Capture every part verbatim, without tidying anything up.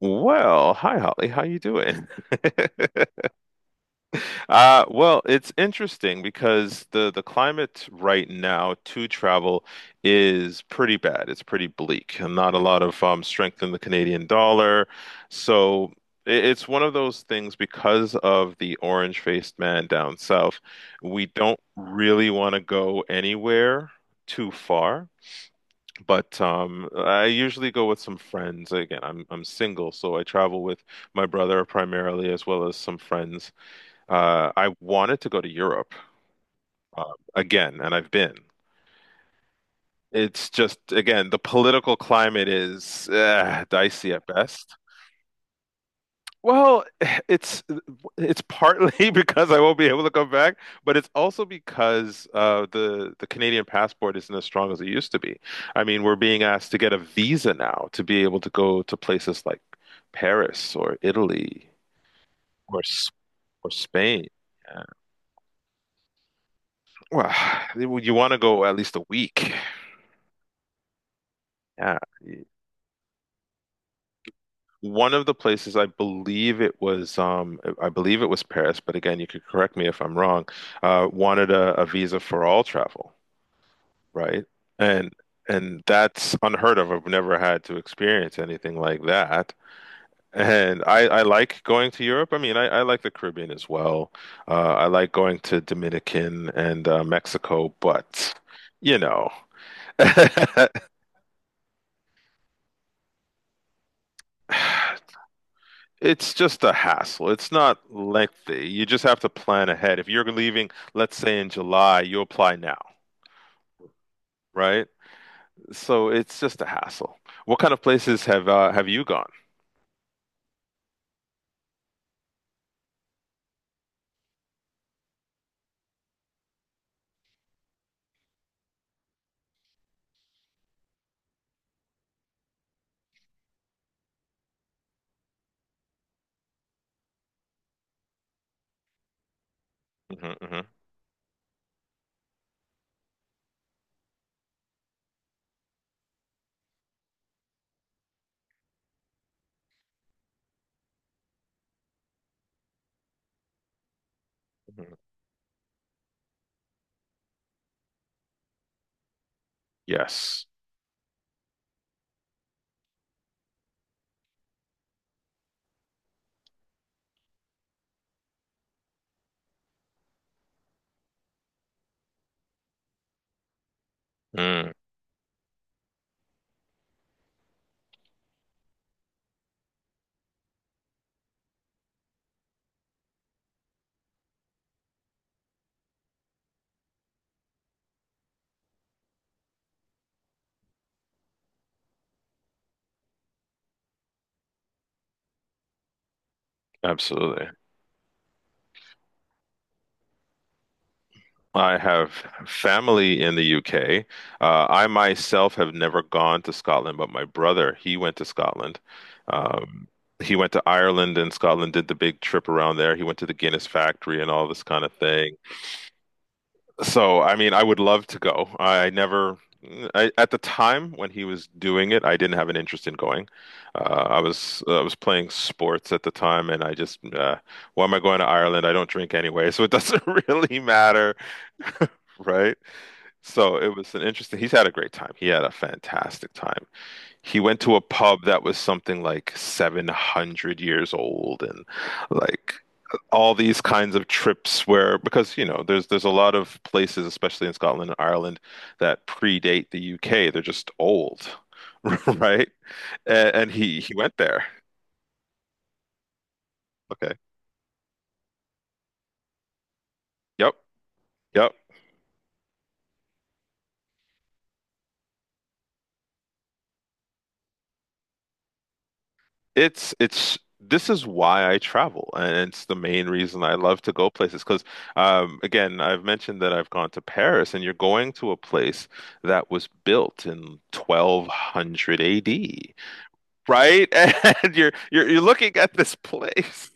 Well, hi Holly, how you doing? Uh, well, it's interesting because the the climate right now to travel is pretty bad. It's pretty bleak, and not a lot of um, strength in the Canadian dollar. So i- it's one of those things because of the orange-faced man down south, we don't really want to go anywhere too far. But um, I usually go with some friends. Again, I'm I'm single, so I travel with my brother primarily, as well as some friends. Uh, I wanted to go to Europe uh, again, and I've been. It's just again the political climate is uh, dicey at best. Well, it's it's partly because I won't be able to come back, but it's also because uh, the the Canadian passport isn't as strong as it used to be. I mean, we're being asked to get a visa now to be able to go to places like Paris or Italy or S- or Spain. Yeah. Well, you want to go at least a week. Yeah. One of the places I believe it was um I believe it was Paris, but again, you could correct me if I'm wrong, uh wanted a, a visa for all travel, right? And and that's unheard of. I've never had to experience anything like that. And I, I like going to Europe. I mean, I, I like the Caribbean as well. Uh, I like going to Dominican and uh, Mexico, but you know, it's just a hassle. It's not lengthy. You just have to plan ahead. If you're leaving, let's say in July, you apply now, right? So it's just a hassle. What kind of places have uh, have you gone? Hmm. Hmm. Yes. Mm, absolutely. I have family in the U K. Uh, I myself have never gone to Scotland, but my brother, he went to Scotland. Um, he went to Ireland and Scotland, did the big trip around there. He went to the Guinness factory and all this kind of thing. So, I mean, I would love to go. I never, I, at the time when he was doing it, I didn't have an interest in going. Uh, I was I was playing sports at the time, and I just, uh, why am I going to Ireland? I don't drink anyway, so it doesn't really matter, right? So it was an interesting. He's had a great time. He had a fantastic time. He went to a pub that was something like seven hundred years old and like all these kinds of trips where because you know there's there's a lot of places especially in Scotland and Ireland that predate the U K. They're just old, right? And, and he he went there. Okay. Yep. Yep. It's it's this is why I travel, and it's the main reason I love to go places. Because um, again, I've mentioned that I've gone to Paris, and you're going to a place that was built in twelve hundred A D, right? And you're you're you're looking at this place,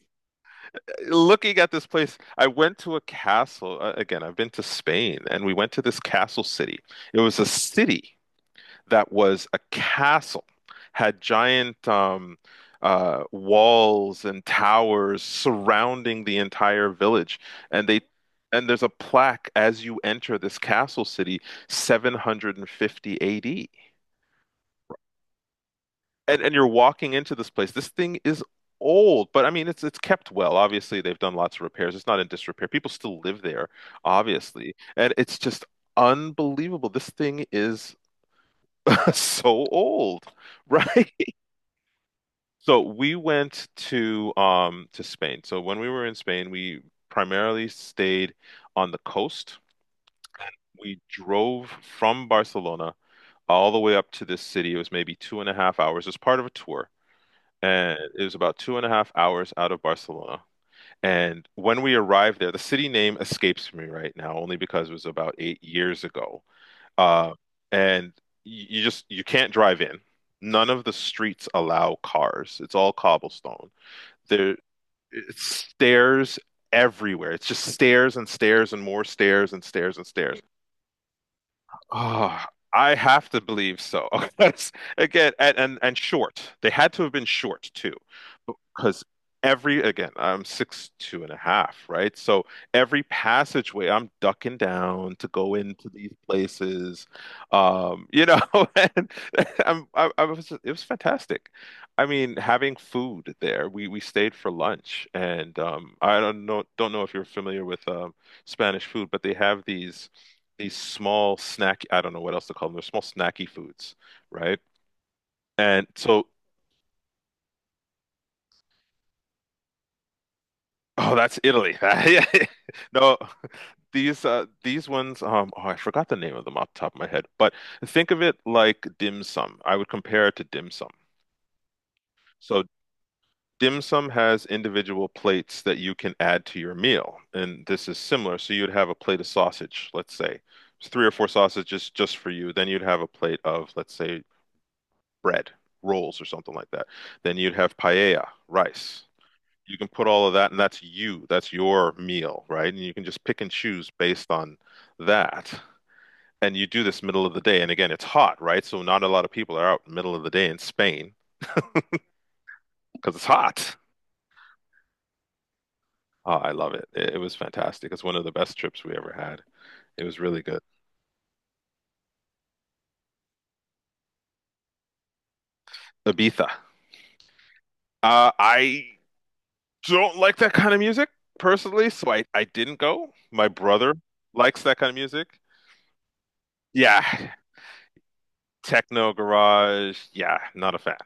looking at this place. I went to a castle. uh, Again, I've been to Spain, and we went to this castle city. It was a city that was a castle, had giant um, uh, walls and towers surrounding the entire village, and they and there's a plaque as you enter this castle city, seven hundred fifty A D. And and you're walking into this place. This thing is old, but I mean it's it's kept well. Obviously, they've done lots of repairs. It's not in disrepair. People still live there, obviously. And it's just unbelievable. This thing is so old, right? So we went to um to Spain. So when we were in Spain, we primarily stayed on the coast. We drove from Barcelona all the way up to this city. It was maybe two and a half hours. It was part of a tour, and it was about two and a half hours out of Barcelona. And when we arrived there, the city name escapes me right now, only because it was about eight years ago. Uh, and you you just you can't drive in. None of the streets allow cars. It's all cobblestone. There it's stairs everywhere. It's just stairs and stairs and more stairs and stairs and stairs. Ah, I have to believe so. That's- Again, and, and and short. They had to have been short too because every again I'm six two and a half, right? So every passageway I'm ducking down to go into these places, um you know. And I'm I, I was it was fantastic. I mean, having food there, we we stayed for lunch and um I don't know, don't know if you're familiar with um Spanish food, but they have these these small snack, I don't know what else to call them, they're small snacky foods, right? And so. Oh, that's Italy. Yeah. No, these uh these ones um oh, I forgot the name of them off the top of my head, but think of it like dim sum. I would compare it to dim sum. So dim sum has individual plates that you can add to your meal, and this is similar. So you'd have a plate of sausage, let's say. It's three or four sausages just for you. Then you'd have a plate of, let's say, bread, rolls or something like that. Then you'd have paella, rice. You can put all of that, and that's you, that's your meal, right? And you can just pick and choose based on that. And you do this middle of the day. And again, it's hot, right? So not a lot of people are out middle of the day in Spain because it's hot. Oh, I love it. it. It was fantastic. It's one of the best trips we ever had. It was really good. Ibiza. Uh, I don't like that kind of music personally, so I, I didn't go. My brother likes that kind of music. Yeah, techno garage. Yeah, not a fan.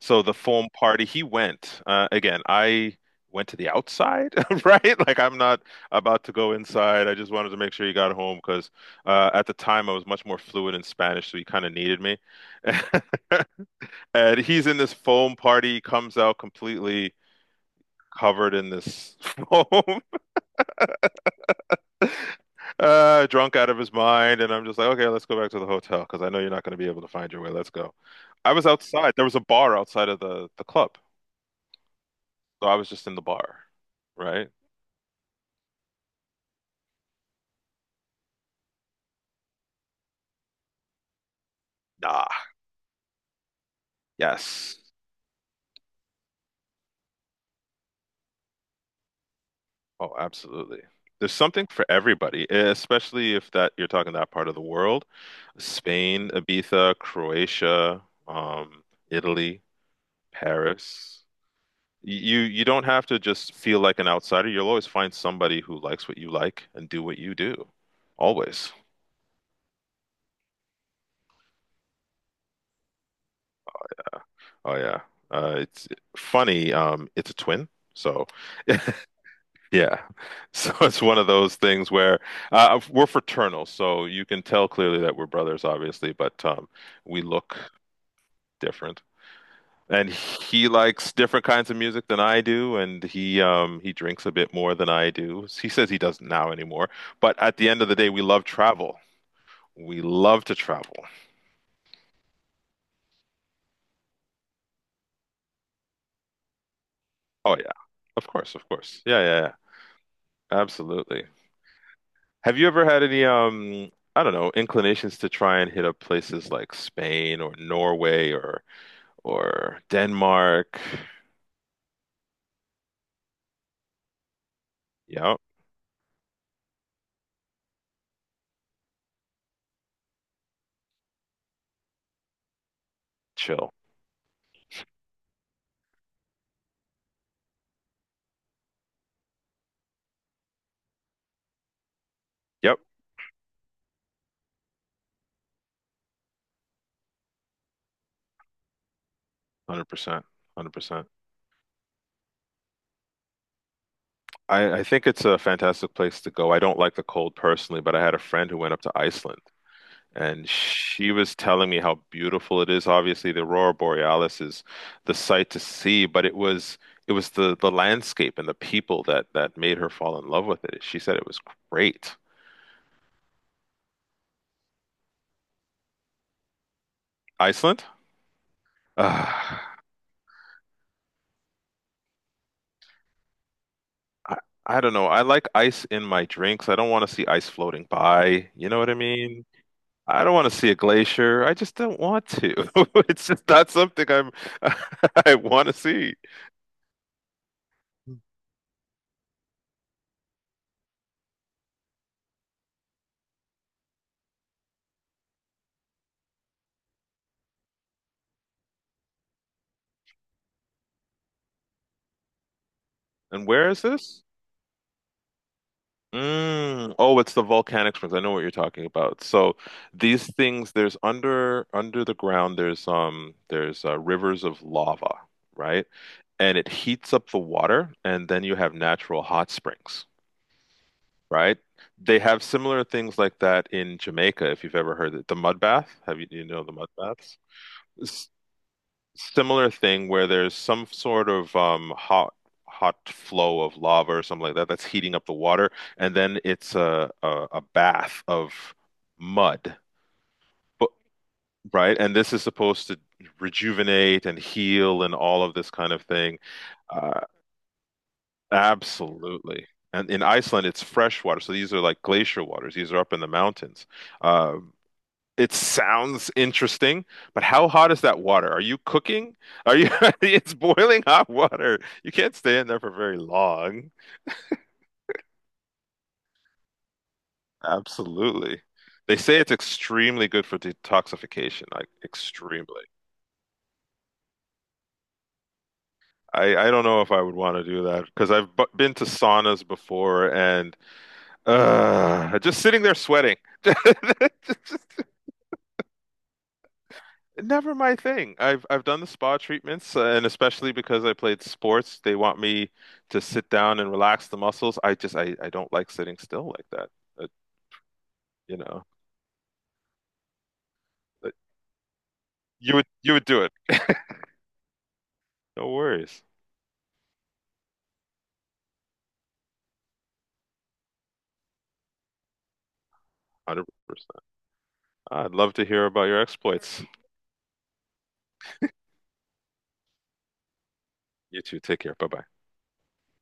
So the foam party, he went. Uh, again, I went to the outside, right? Like I'm not about to go inside. I just wanted to make sure he got home because uh, at the time I was much more fluent in Spanish, so he kind of needed me. And he's in this foam party, comes out completely covered in this foam, uh, drunk out of his mind. And I'm just like, okay, let's go back to the hotel because I know you're not going to be able to find your way. Let's go. I was outside. There was a bar outside of the the club, so I was just in the bar, right? Nah. Yes. Oh, absolutely. There's something for everybody, eh, especially if that you're talking that part of the world. Spain, Ibiza, Croatia, um, Italy, Paris. You you don't have to just feel like an outsider. You'll always find somebody who likes what you like and do what you do. Always. Oh yeah. Uh, it's funny. Um, it's a twin, so Yeah. So it's one of those things where uh, we're fraternal, so you can tell clearly that we're brothers, obviously, but um, we look different. And he likes different kinds of music than I do, and he um, he drinks a bit more than I do. He says he doesn't now anymore, but at the end of the day, we love travel. We love to travel. Oh yeah, of course, of course. Yeah, yeah, yeah. Absolutely. Have you ever had any um, I don't know, inclinations to try and hit up places like Spain or Norway or or Denmark. Yep, chill. Yep, one hundred percent. one hundred percent. I, I think it's a fantastic place to go. I don't like the cold personally, but I had a friend who went up to Iceland and she was telling me how beautiful it is. Obviously, the Aurora Borealis is the sight to see, but it was it was the the landscape and the people that that made her fall in love with it. She said it was great. Iceland? Ah, I, I don't know. I like ice in my drinks. I don't want to see ice floating by. You know what I mean? I don't want to see a glacier. I just don't want to. It's just not something I'm I want to see. And where is this? Mm. Oh, it's the volcanic springs. I know what you're talking about. So these things, there's under under the ground, there's um there's uh, rivers of lava, right? And it heats up the water, and then you have natural hot springs, right? They have similar things like that in Jamaica, if you've ever heard it. The mud bath. Have you, do you know the mud baths? Similar thing where there's some sort of um, hot hot flow of lava or something like that that's heating up the water, and then it's a a, a bath of mud, but, right? And this is supposed to rejuvenate and heal and all of this kind of thing. Uh, absolutely. And in Iceland, it's fresh water, so these are like glacier waters. These are up in the mountains. Uh, It sounds interesting, but how hot is that water? Are you cooking? Are you? It's boiling hot water. You can't stay in there for very long. Absolutely. They say it's extremely good for detoxification, like extremely. I, I don't know if I would want to do that because I've bu- been to saunas before and uh, just sitting there sweating. Never my thing. I've I've done the spa treatments, uh, and especially because I played sports, they want me to sit down and relax the muscles. I just I, I don't like sitting still like that. Uh, you know, Uh, you would you would do it. No worries. one hundred percent. I'd love to hear about your exploits. You too. Take care. Bye-bye.